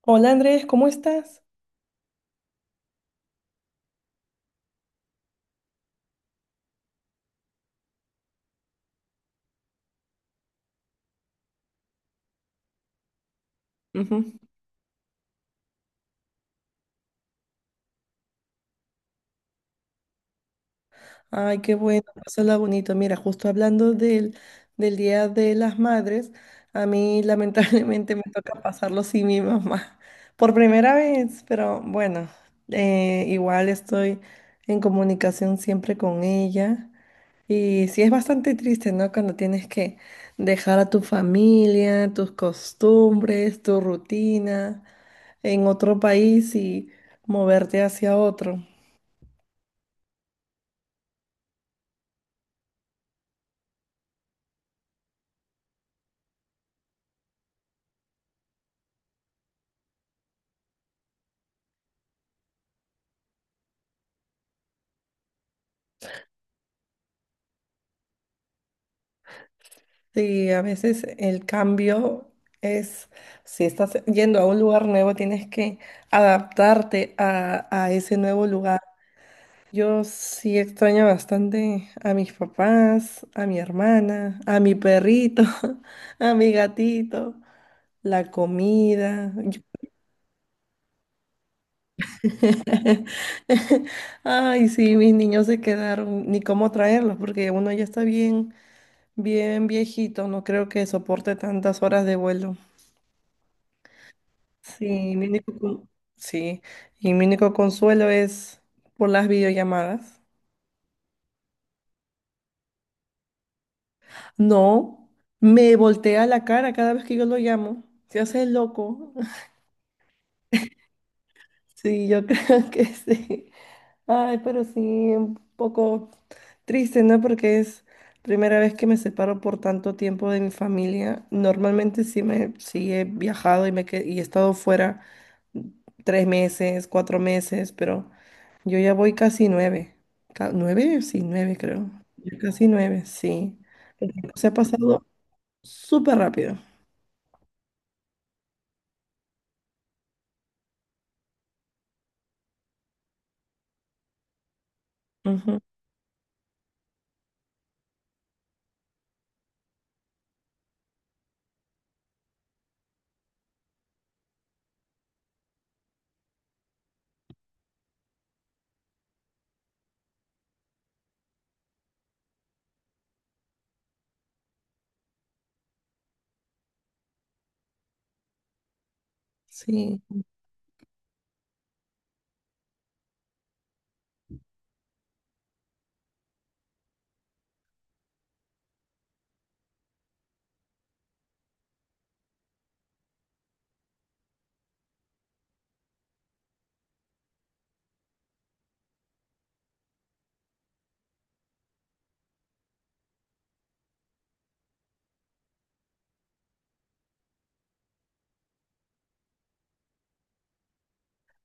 Hola Andrés, ¿cómo estás? Ujú. Ay, qué bueno, pásala bonito. Mira, justo hablando del Día de las Madres, a mí lamentablemente me toca pasarlo sin mi mamá por primera vez, pero bueno, igual estoy en comunicación siempre con ella. Y sí es bastante triste, ¿no? Cuando tienes que dejar a tu familia, tus costumbres, tu rutina en otro país y moverte hacia otro. Sí, a veces el cambio es, si estás yendo a un lugar nuevo, tienes que adaptarte a ese nuevo lugar. Yo sí extraño bastante a mis papás, a mi hermana, a mi perrito, a mi gatito, la comida. Yo- Ay, sí, mis niños se quedaron, ni cómo traerlos, porque uno ya está bien, bien viejito, no creo que soporte tantas horas de vuelo. Sí, mi único, con- sí, y mi único consuelo es por las videollamadas. No, me voltea la cara cada vez que yo lo llamo. Se hace el loco. Sí, yo creo que sí. Ay, pero sí, un poco. Triste, ¿no? Porque es primera vez que me separo por tanto tiempo de mi familia. Normalmente sí me sí he viajado y me que- y he estado fuera tres meses, cuatro meses, pero yo ya voy casi nueve. Ca- ¿Nueve? Sí, nueve creo. Ya casi nueve, sí. El tiempo se ha pasado súper rápido. Ujú. Sí.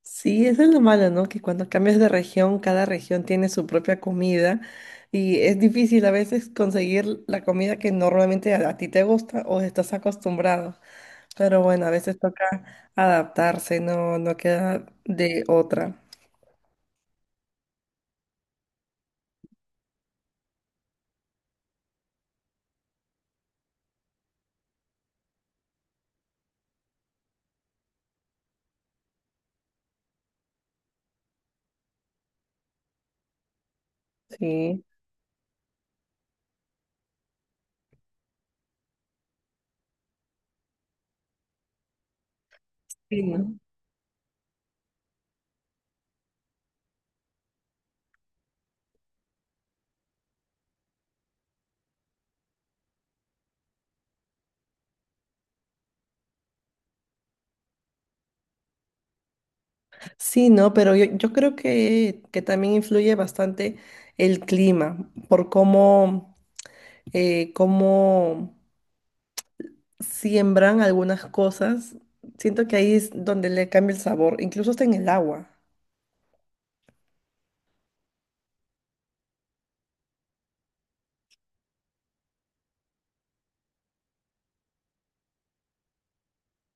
Sí, eso es lo malo, ¿no? Que cuando cambias de región, cada región tiene su propia comida y es difícil a veces conseguir la comida que normalmente a ti te gusta o estás acostumbrado. Pero bueno, a veces toca adaptarse, no, no queda de otra. Sí. Sí, ¿no? Sí, no, pero yo creo que también influye bastante el clima, por cómo, cómo siembran algunas cosas, siento que ahí es donde le cambia el sabor, incluso hasta en el agua.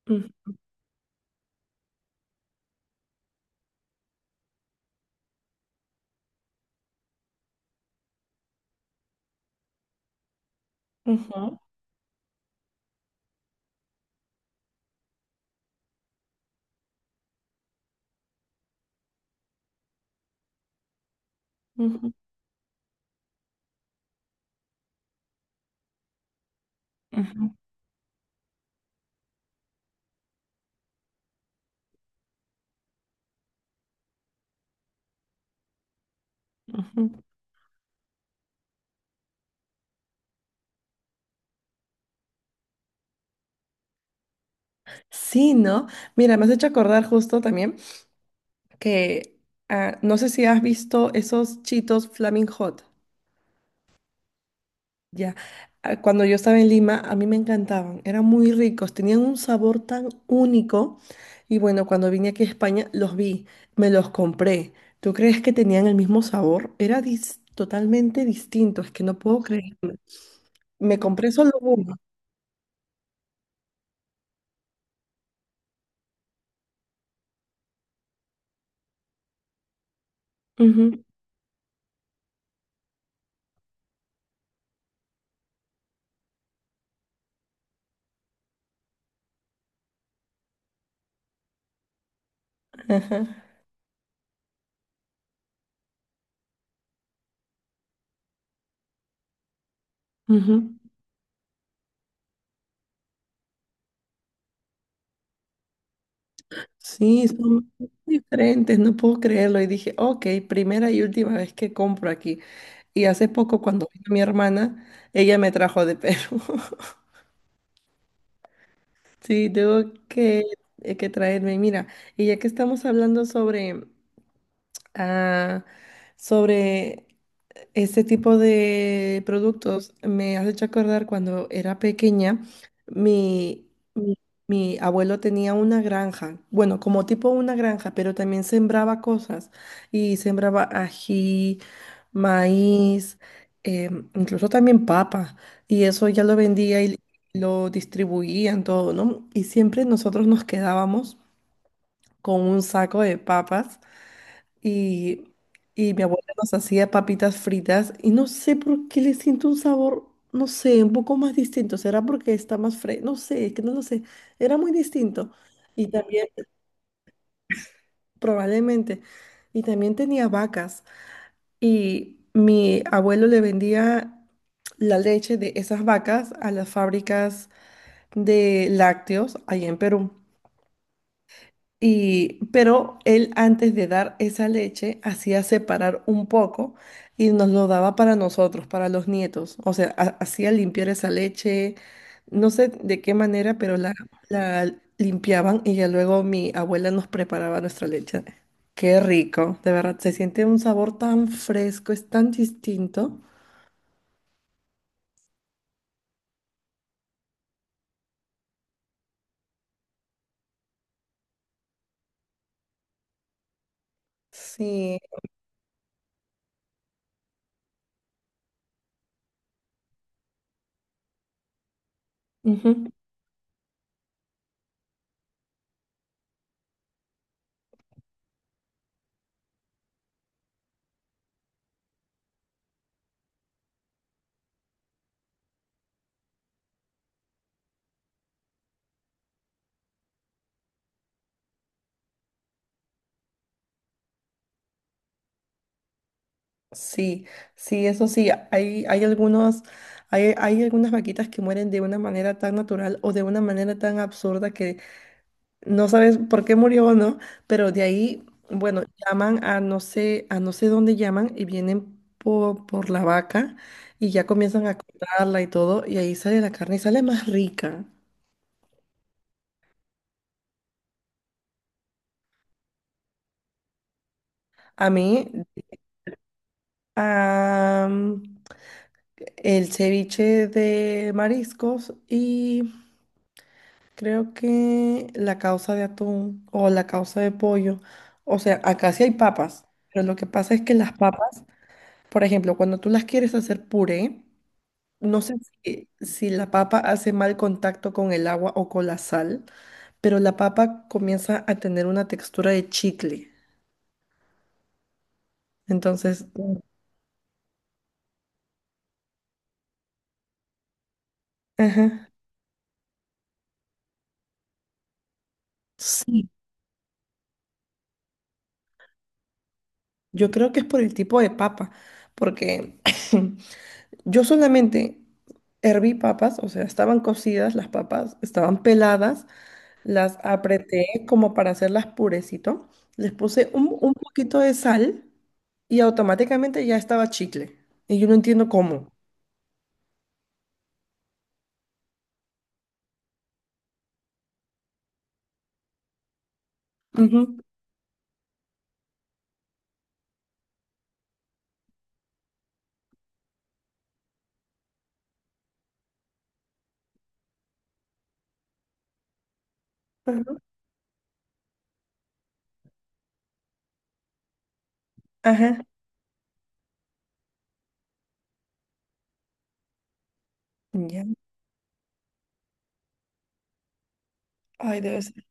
Ujú, ujú, ujú, ujú, ujú. Sí, ¿no? Mira, me has hecho acordar justo también que ah, no sé si has visto esos chitos Flaming Hot. Ya, ah, cuando yo estaba en Lima, a mí me encantaban, eran muy ricos, tenían un sabor tan único. Y bueno, cuando vine aquí a España, los vi, me los compré. ¿Tú crees que tenían el mismo sabor? Era dis- totalmente distinto, es que no puedo creer. Me compré solo uno. Ujú, ajá, ujú. Sí, son diferentes, no puedo creerlo. Y dije, ok, primera y última vez que compro aquí. Y hace poco, cuando vino mi hermana, ella me trajo de Perú. Sí, tengo que, que traerme. Mira, y ya que estamos hablando sobre, ah, sobre este tipo de productos me has hecho acordar cuando era pequeña, mi, mi, mi abuelo tenía una granja, bueno, como tipo una granja, pero también sembraba cosas y sembraba ají, maíz, eh, incluso también papa, y eso ya lo vendía y lo distribuían todo, ¿no? Y siempre nosotros nos quedábamos con un saco de papas y, y mi abuela nos hacía papitas fritas y no sé por qué le siento un sabor, no sé, un poco más distinto. ¿Será porque está más fresco? No sé, es que no lo sé. Era muy distinto. Y también, probablemente, y también tenía vacas. Y mi abuelo le vendía la leche de esas vacas a las fábricas de lácteos allá en Perú. Y, pero él antes de dar esa leche hacía separar un poco y nos lo daba para nosotros, para los nietos. O sea, ha- hacía limpiar esa leche, no sé de qué manera, pero la limpiaban y ya luego mi abuela nos preparaba nuestra leche. Qué rico, de verdad, se siente un sabor tan fresco, es tan distinto. Sí. Ujú. Sí, sí, eso sí, hay algunos, hay algunas vaquitas que mueren de una manera tan natural o de una manera tan absurda que no sabes por qué murió o no, pero de ahí, bueno, llaman a no sé dónde llaman y vienen po- por, la vaca y ya comienzan a cortarla y todo, y ahí sale la carne y sale más rica. A mí, am, el ceviche de mariscos y creo que la causa de atún o la causa de pollo, o sea, acá sí hay papas, pero lo que pasa es que las papas, por ejemplo, cuando tú las quieres hacer puré, no sé si, si la papa hace mal contacto con el agua o con la sal, pero la papa comienza a tener una textura de chicle. Entonces, mm. Ajá, sí, yo creo que es por el tipo de papa, porque yo solamente herví papas, o sea, estaban cocidas las papas, estaban peladas, las apreté como para hacerlas purecito, les puse un poquito de sal y automáticamente ya estaba chicle. Y yo no entiendo cómo. Ujú, ujú, ajá. Ya. Ay, debe ser.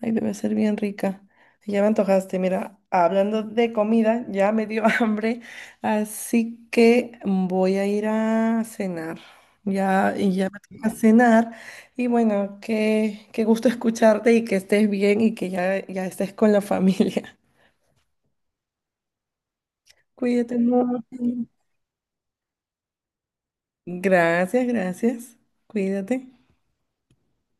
Ay, debe ser bien rica. Sí, ya me antojaste. Mira, hablando de comida, ya me dio hambre, así que voy a ir a cenar. Ya, y ya me toca cenar. Y bueno, qué, qué gusto escucharte y que estés bien y que ya, ya estés con la familia. Cuídate mucho. Gracias, gracias. Cuídate.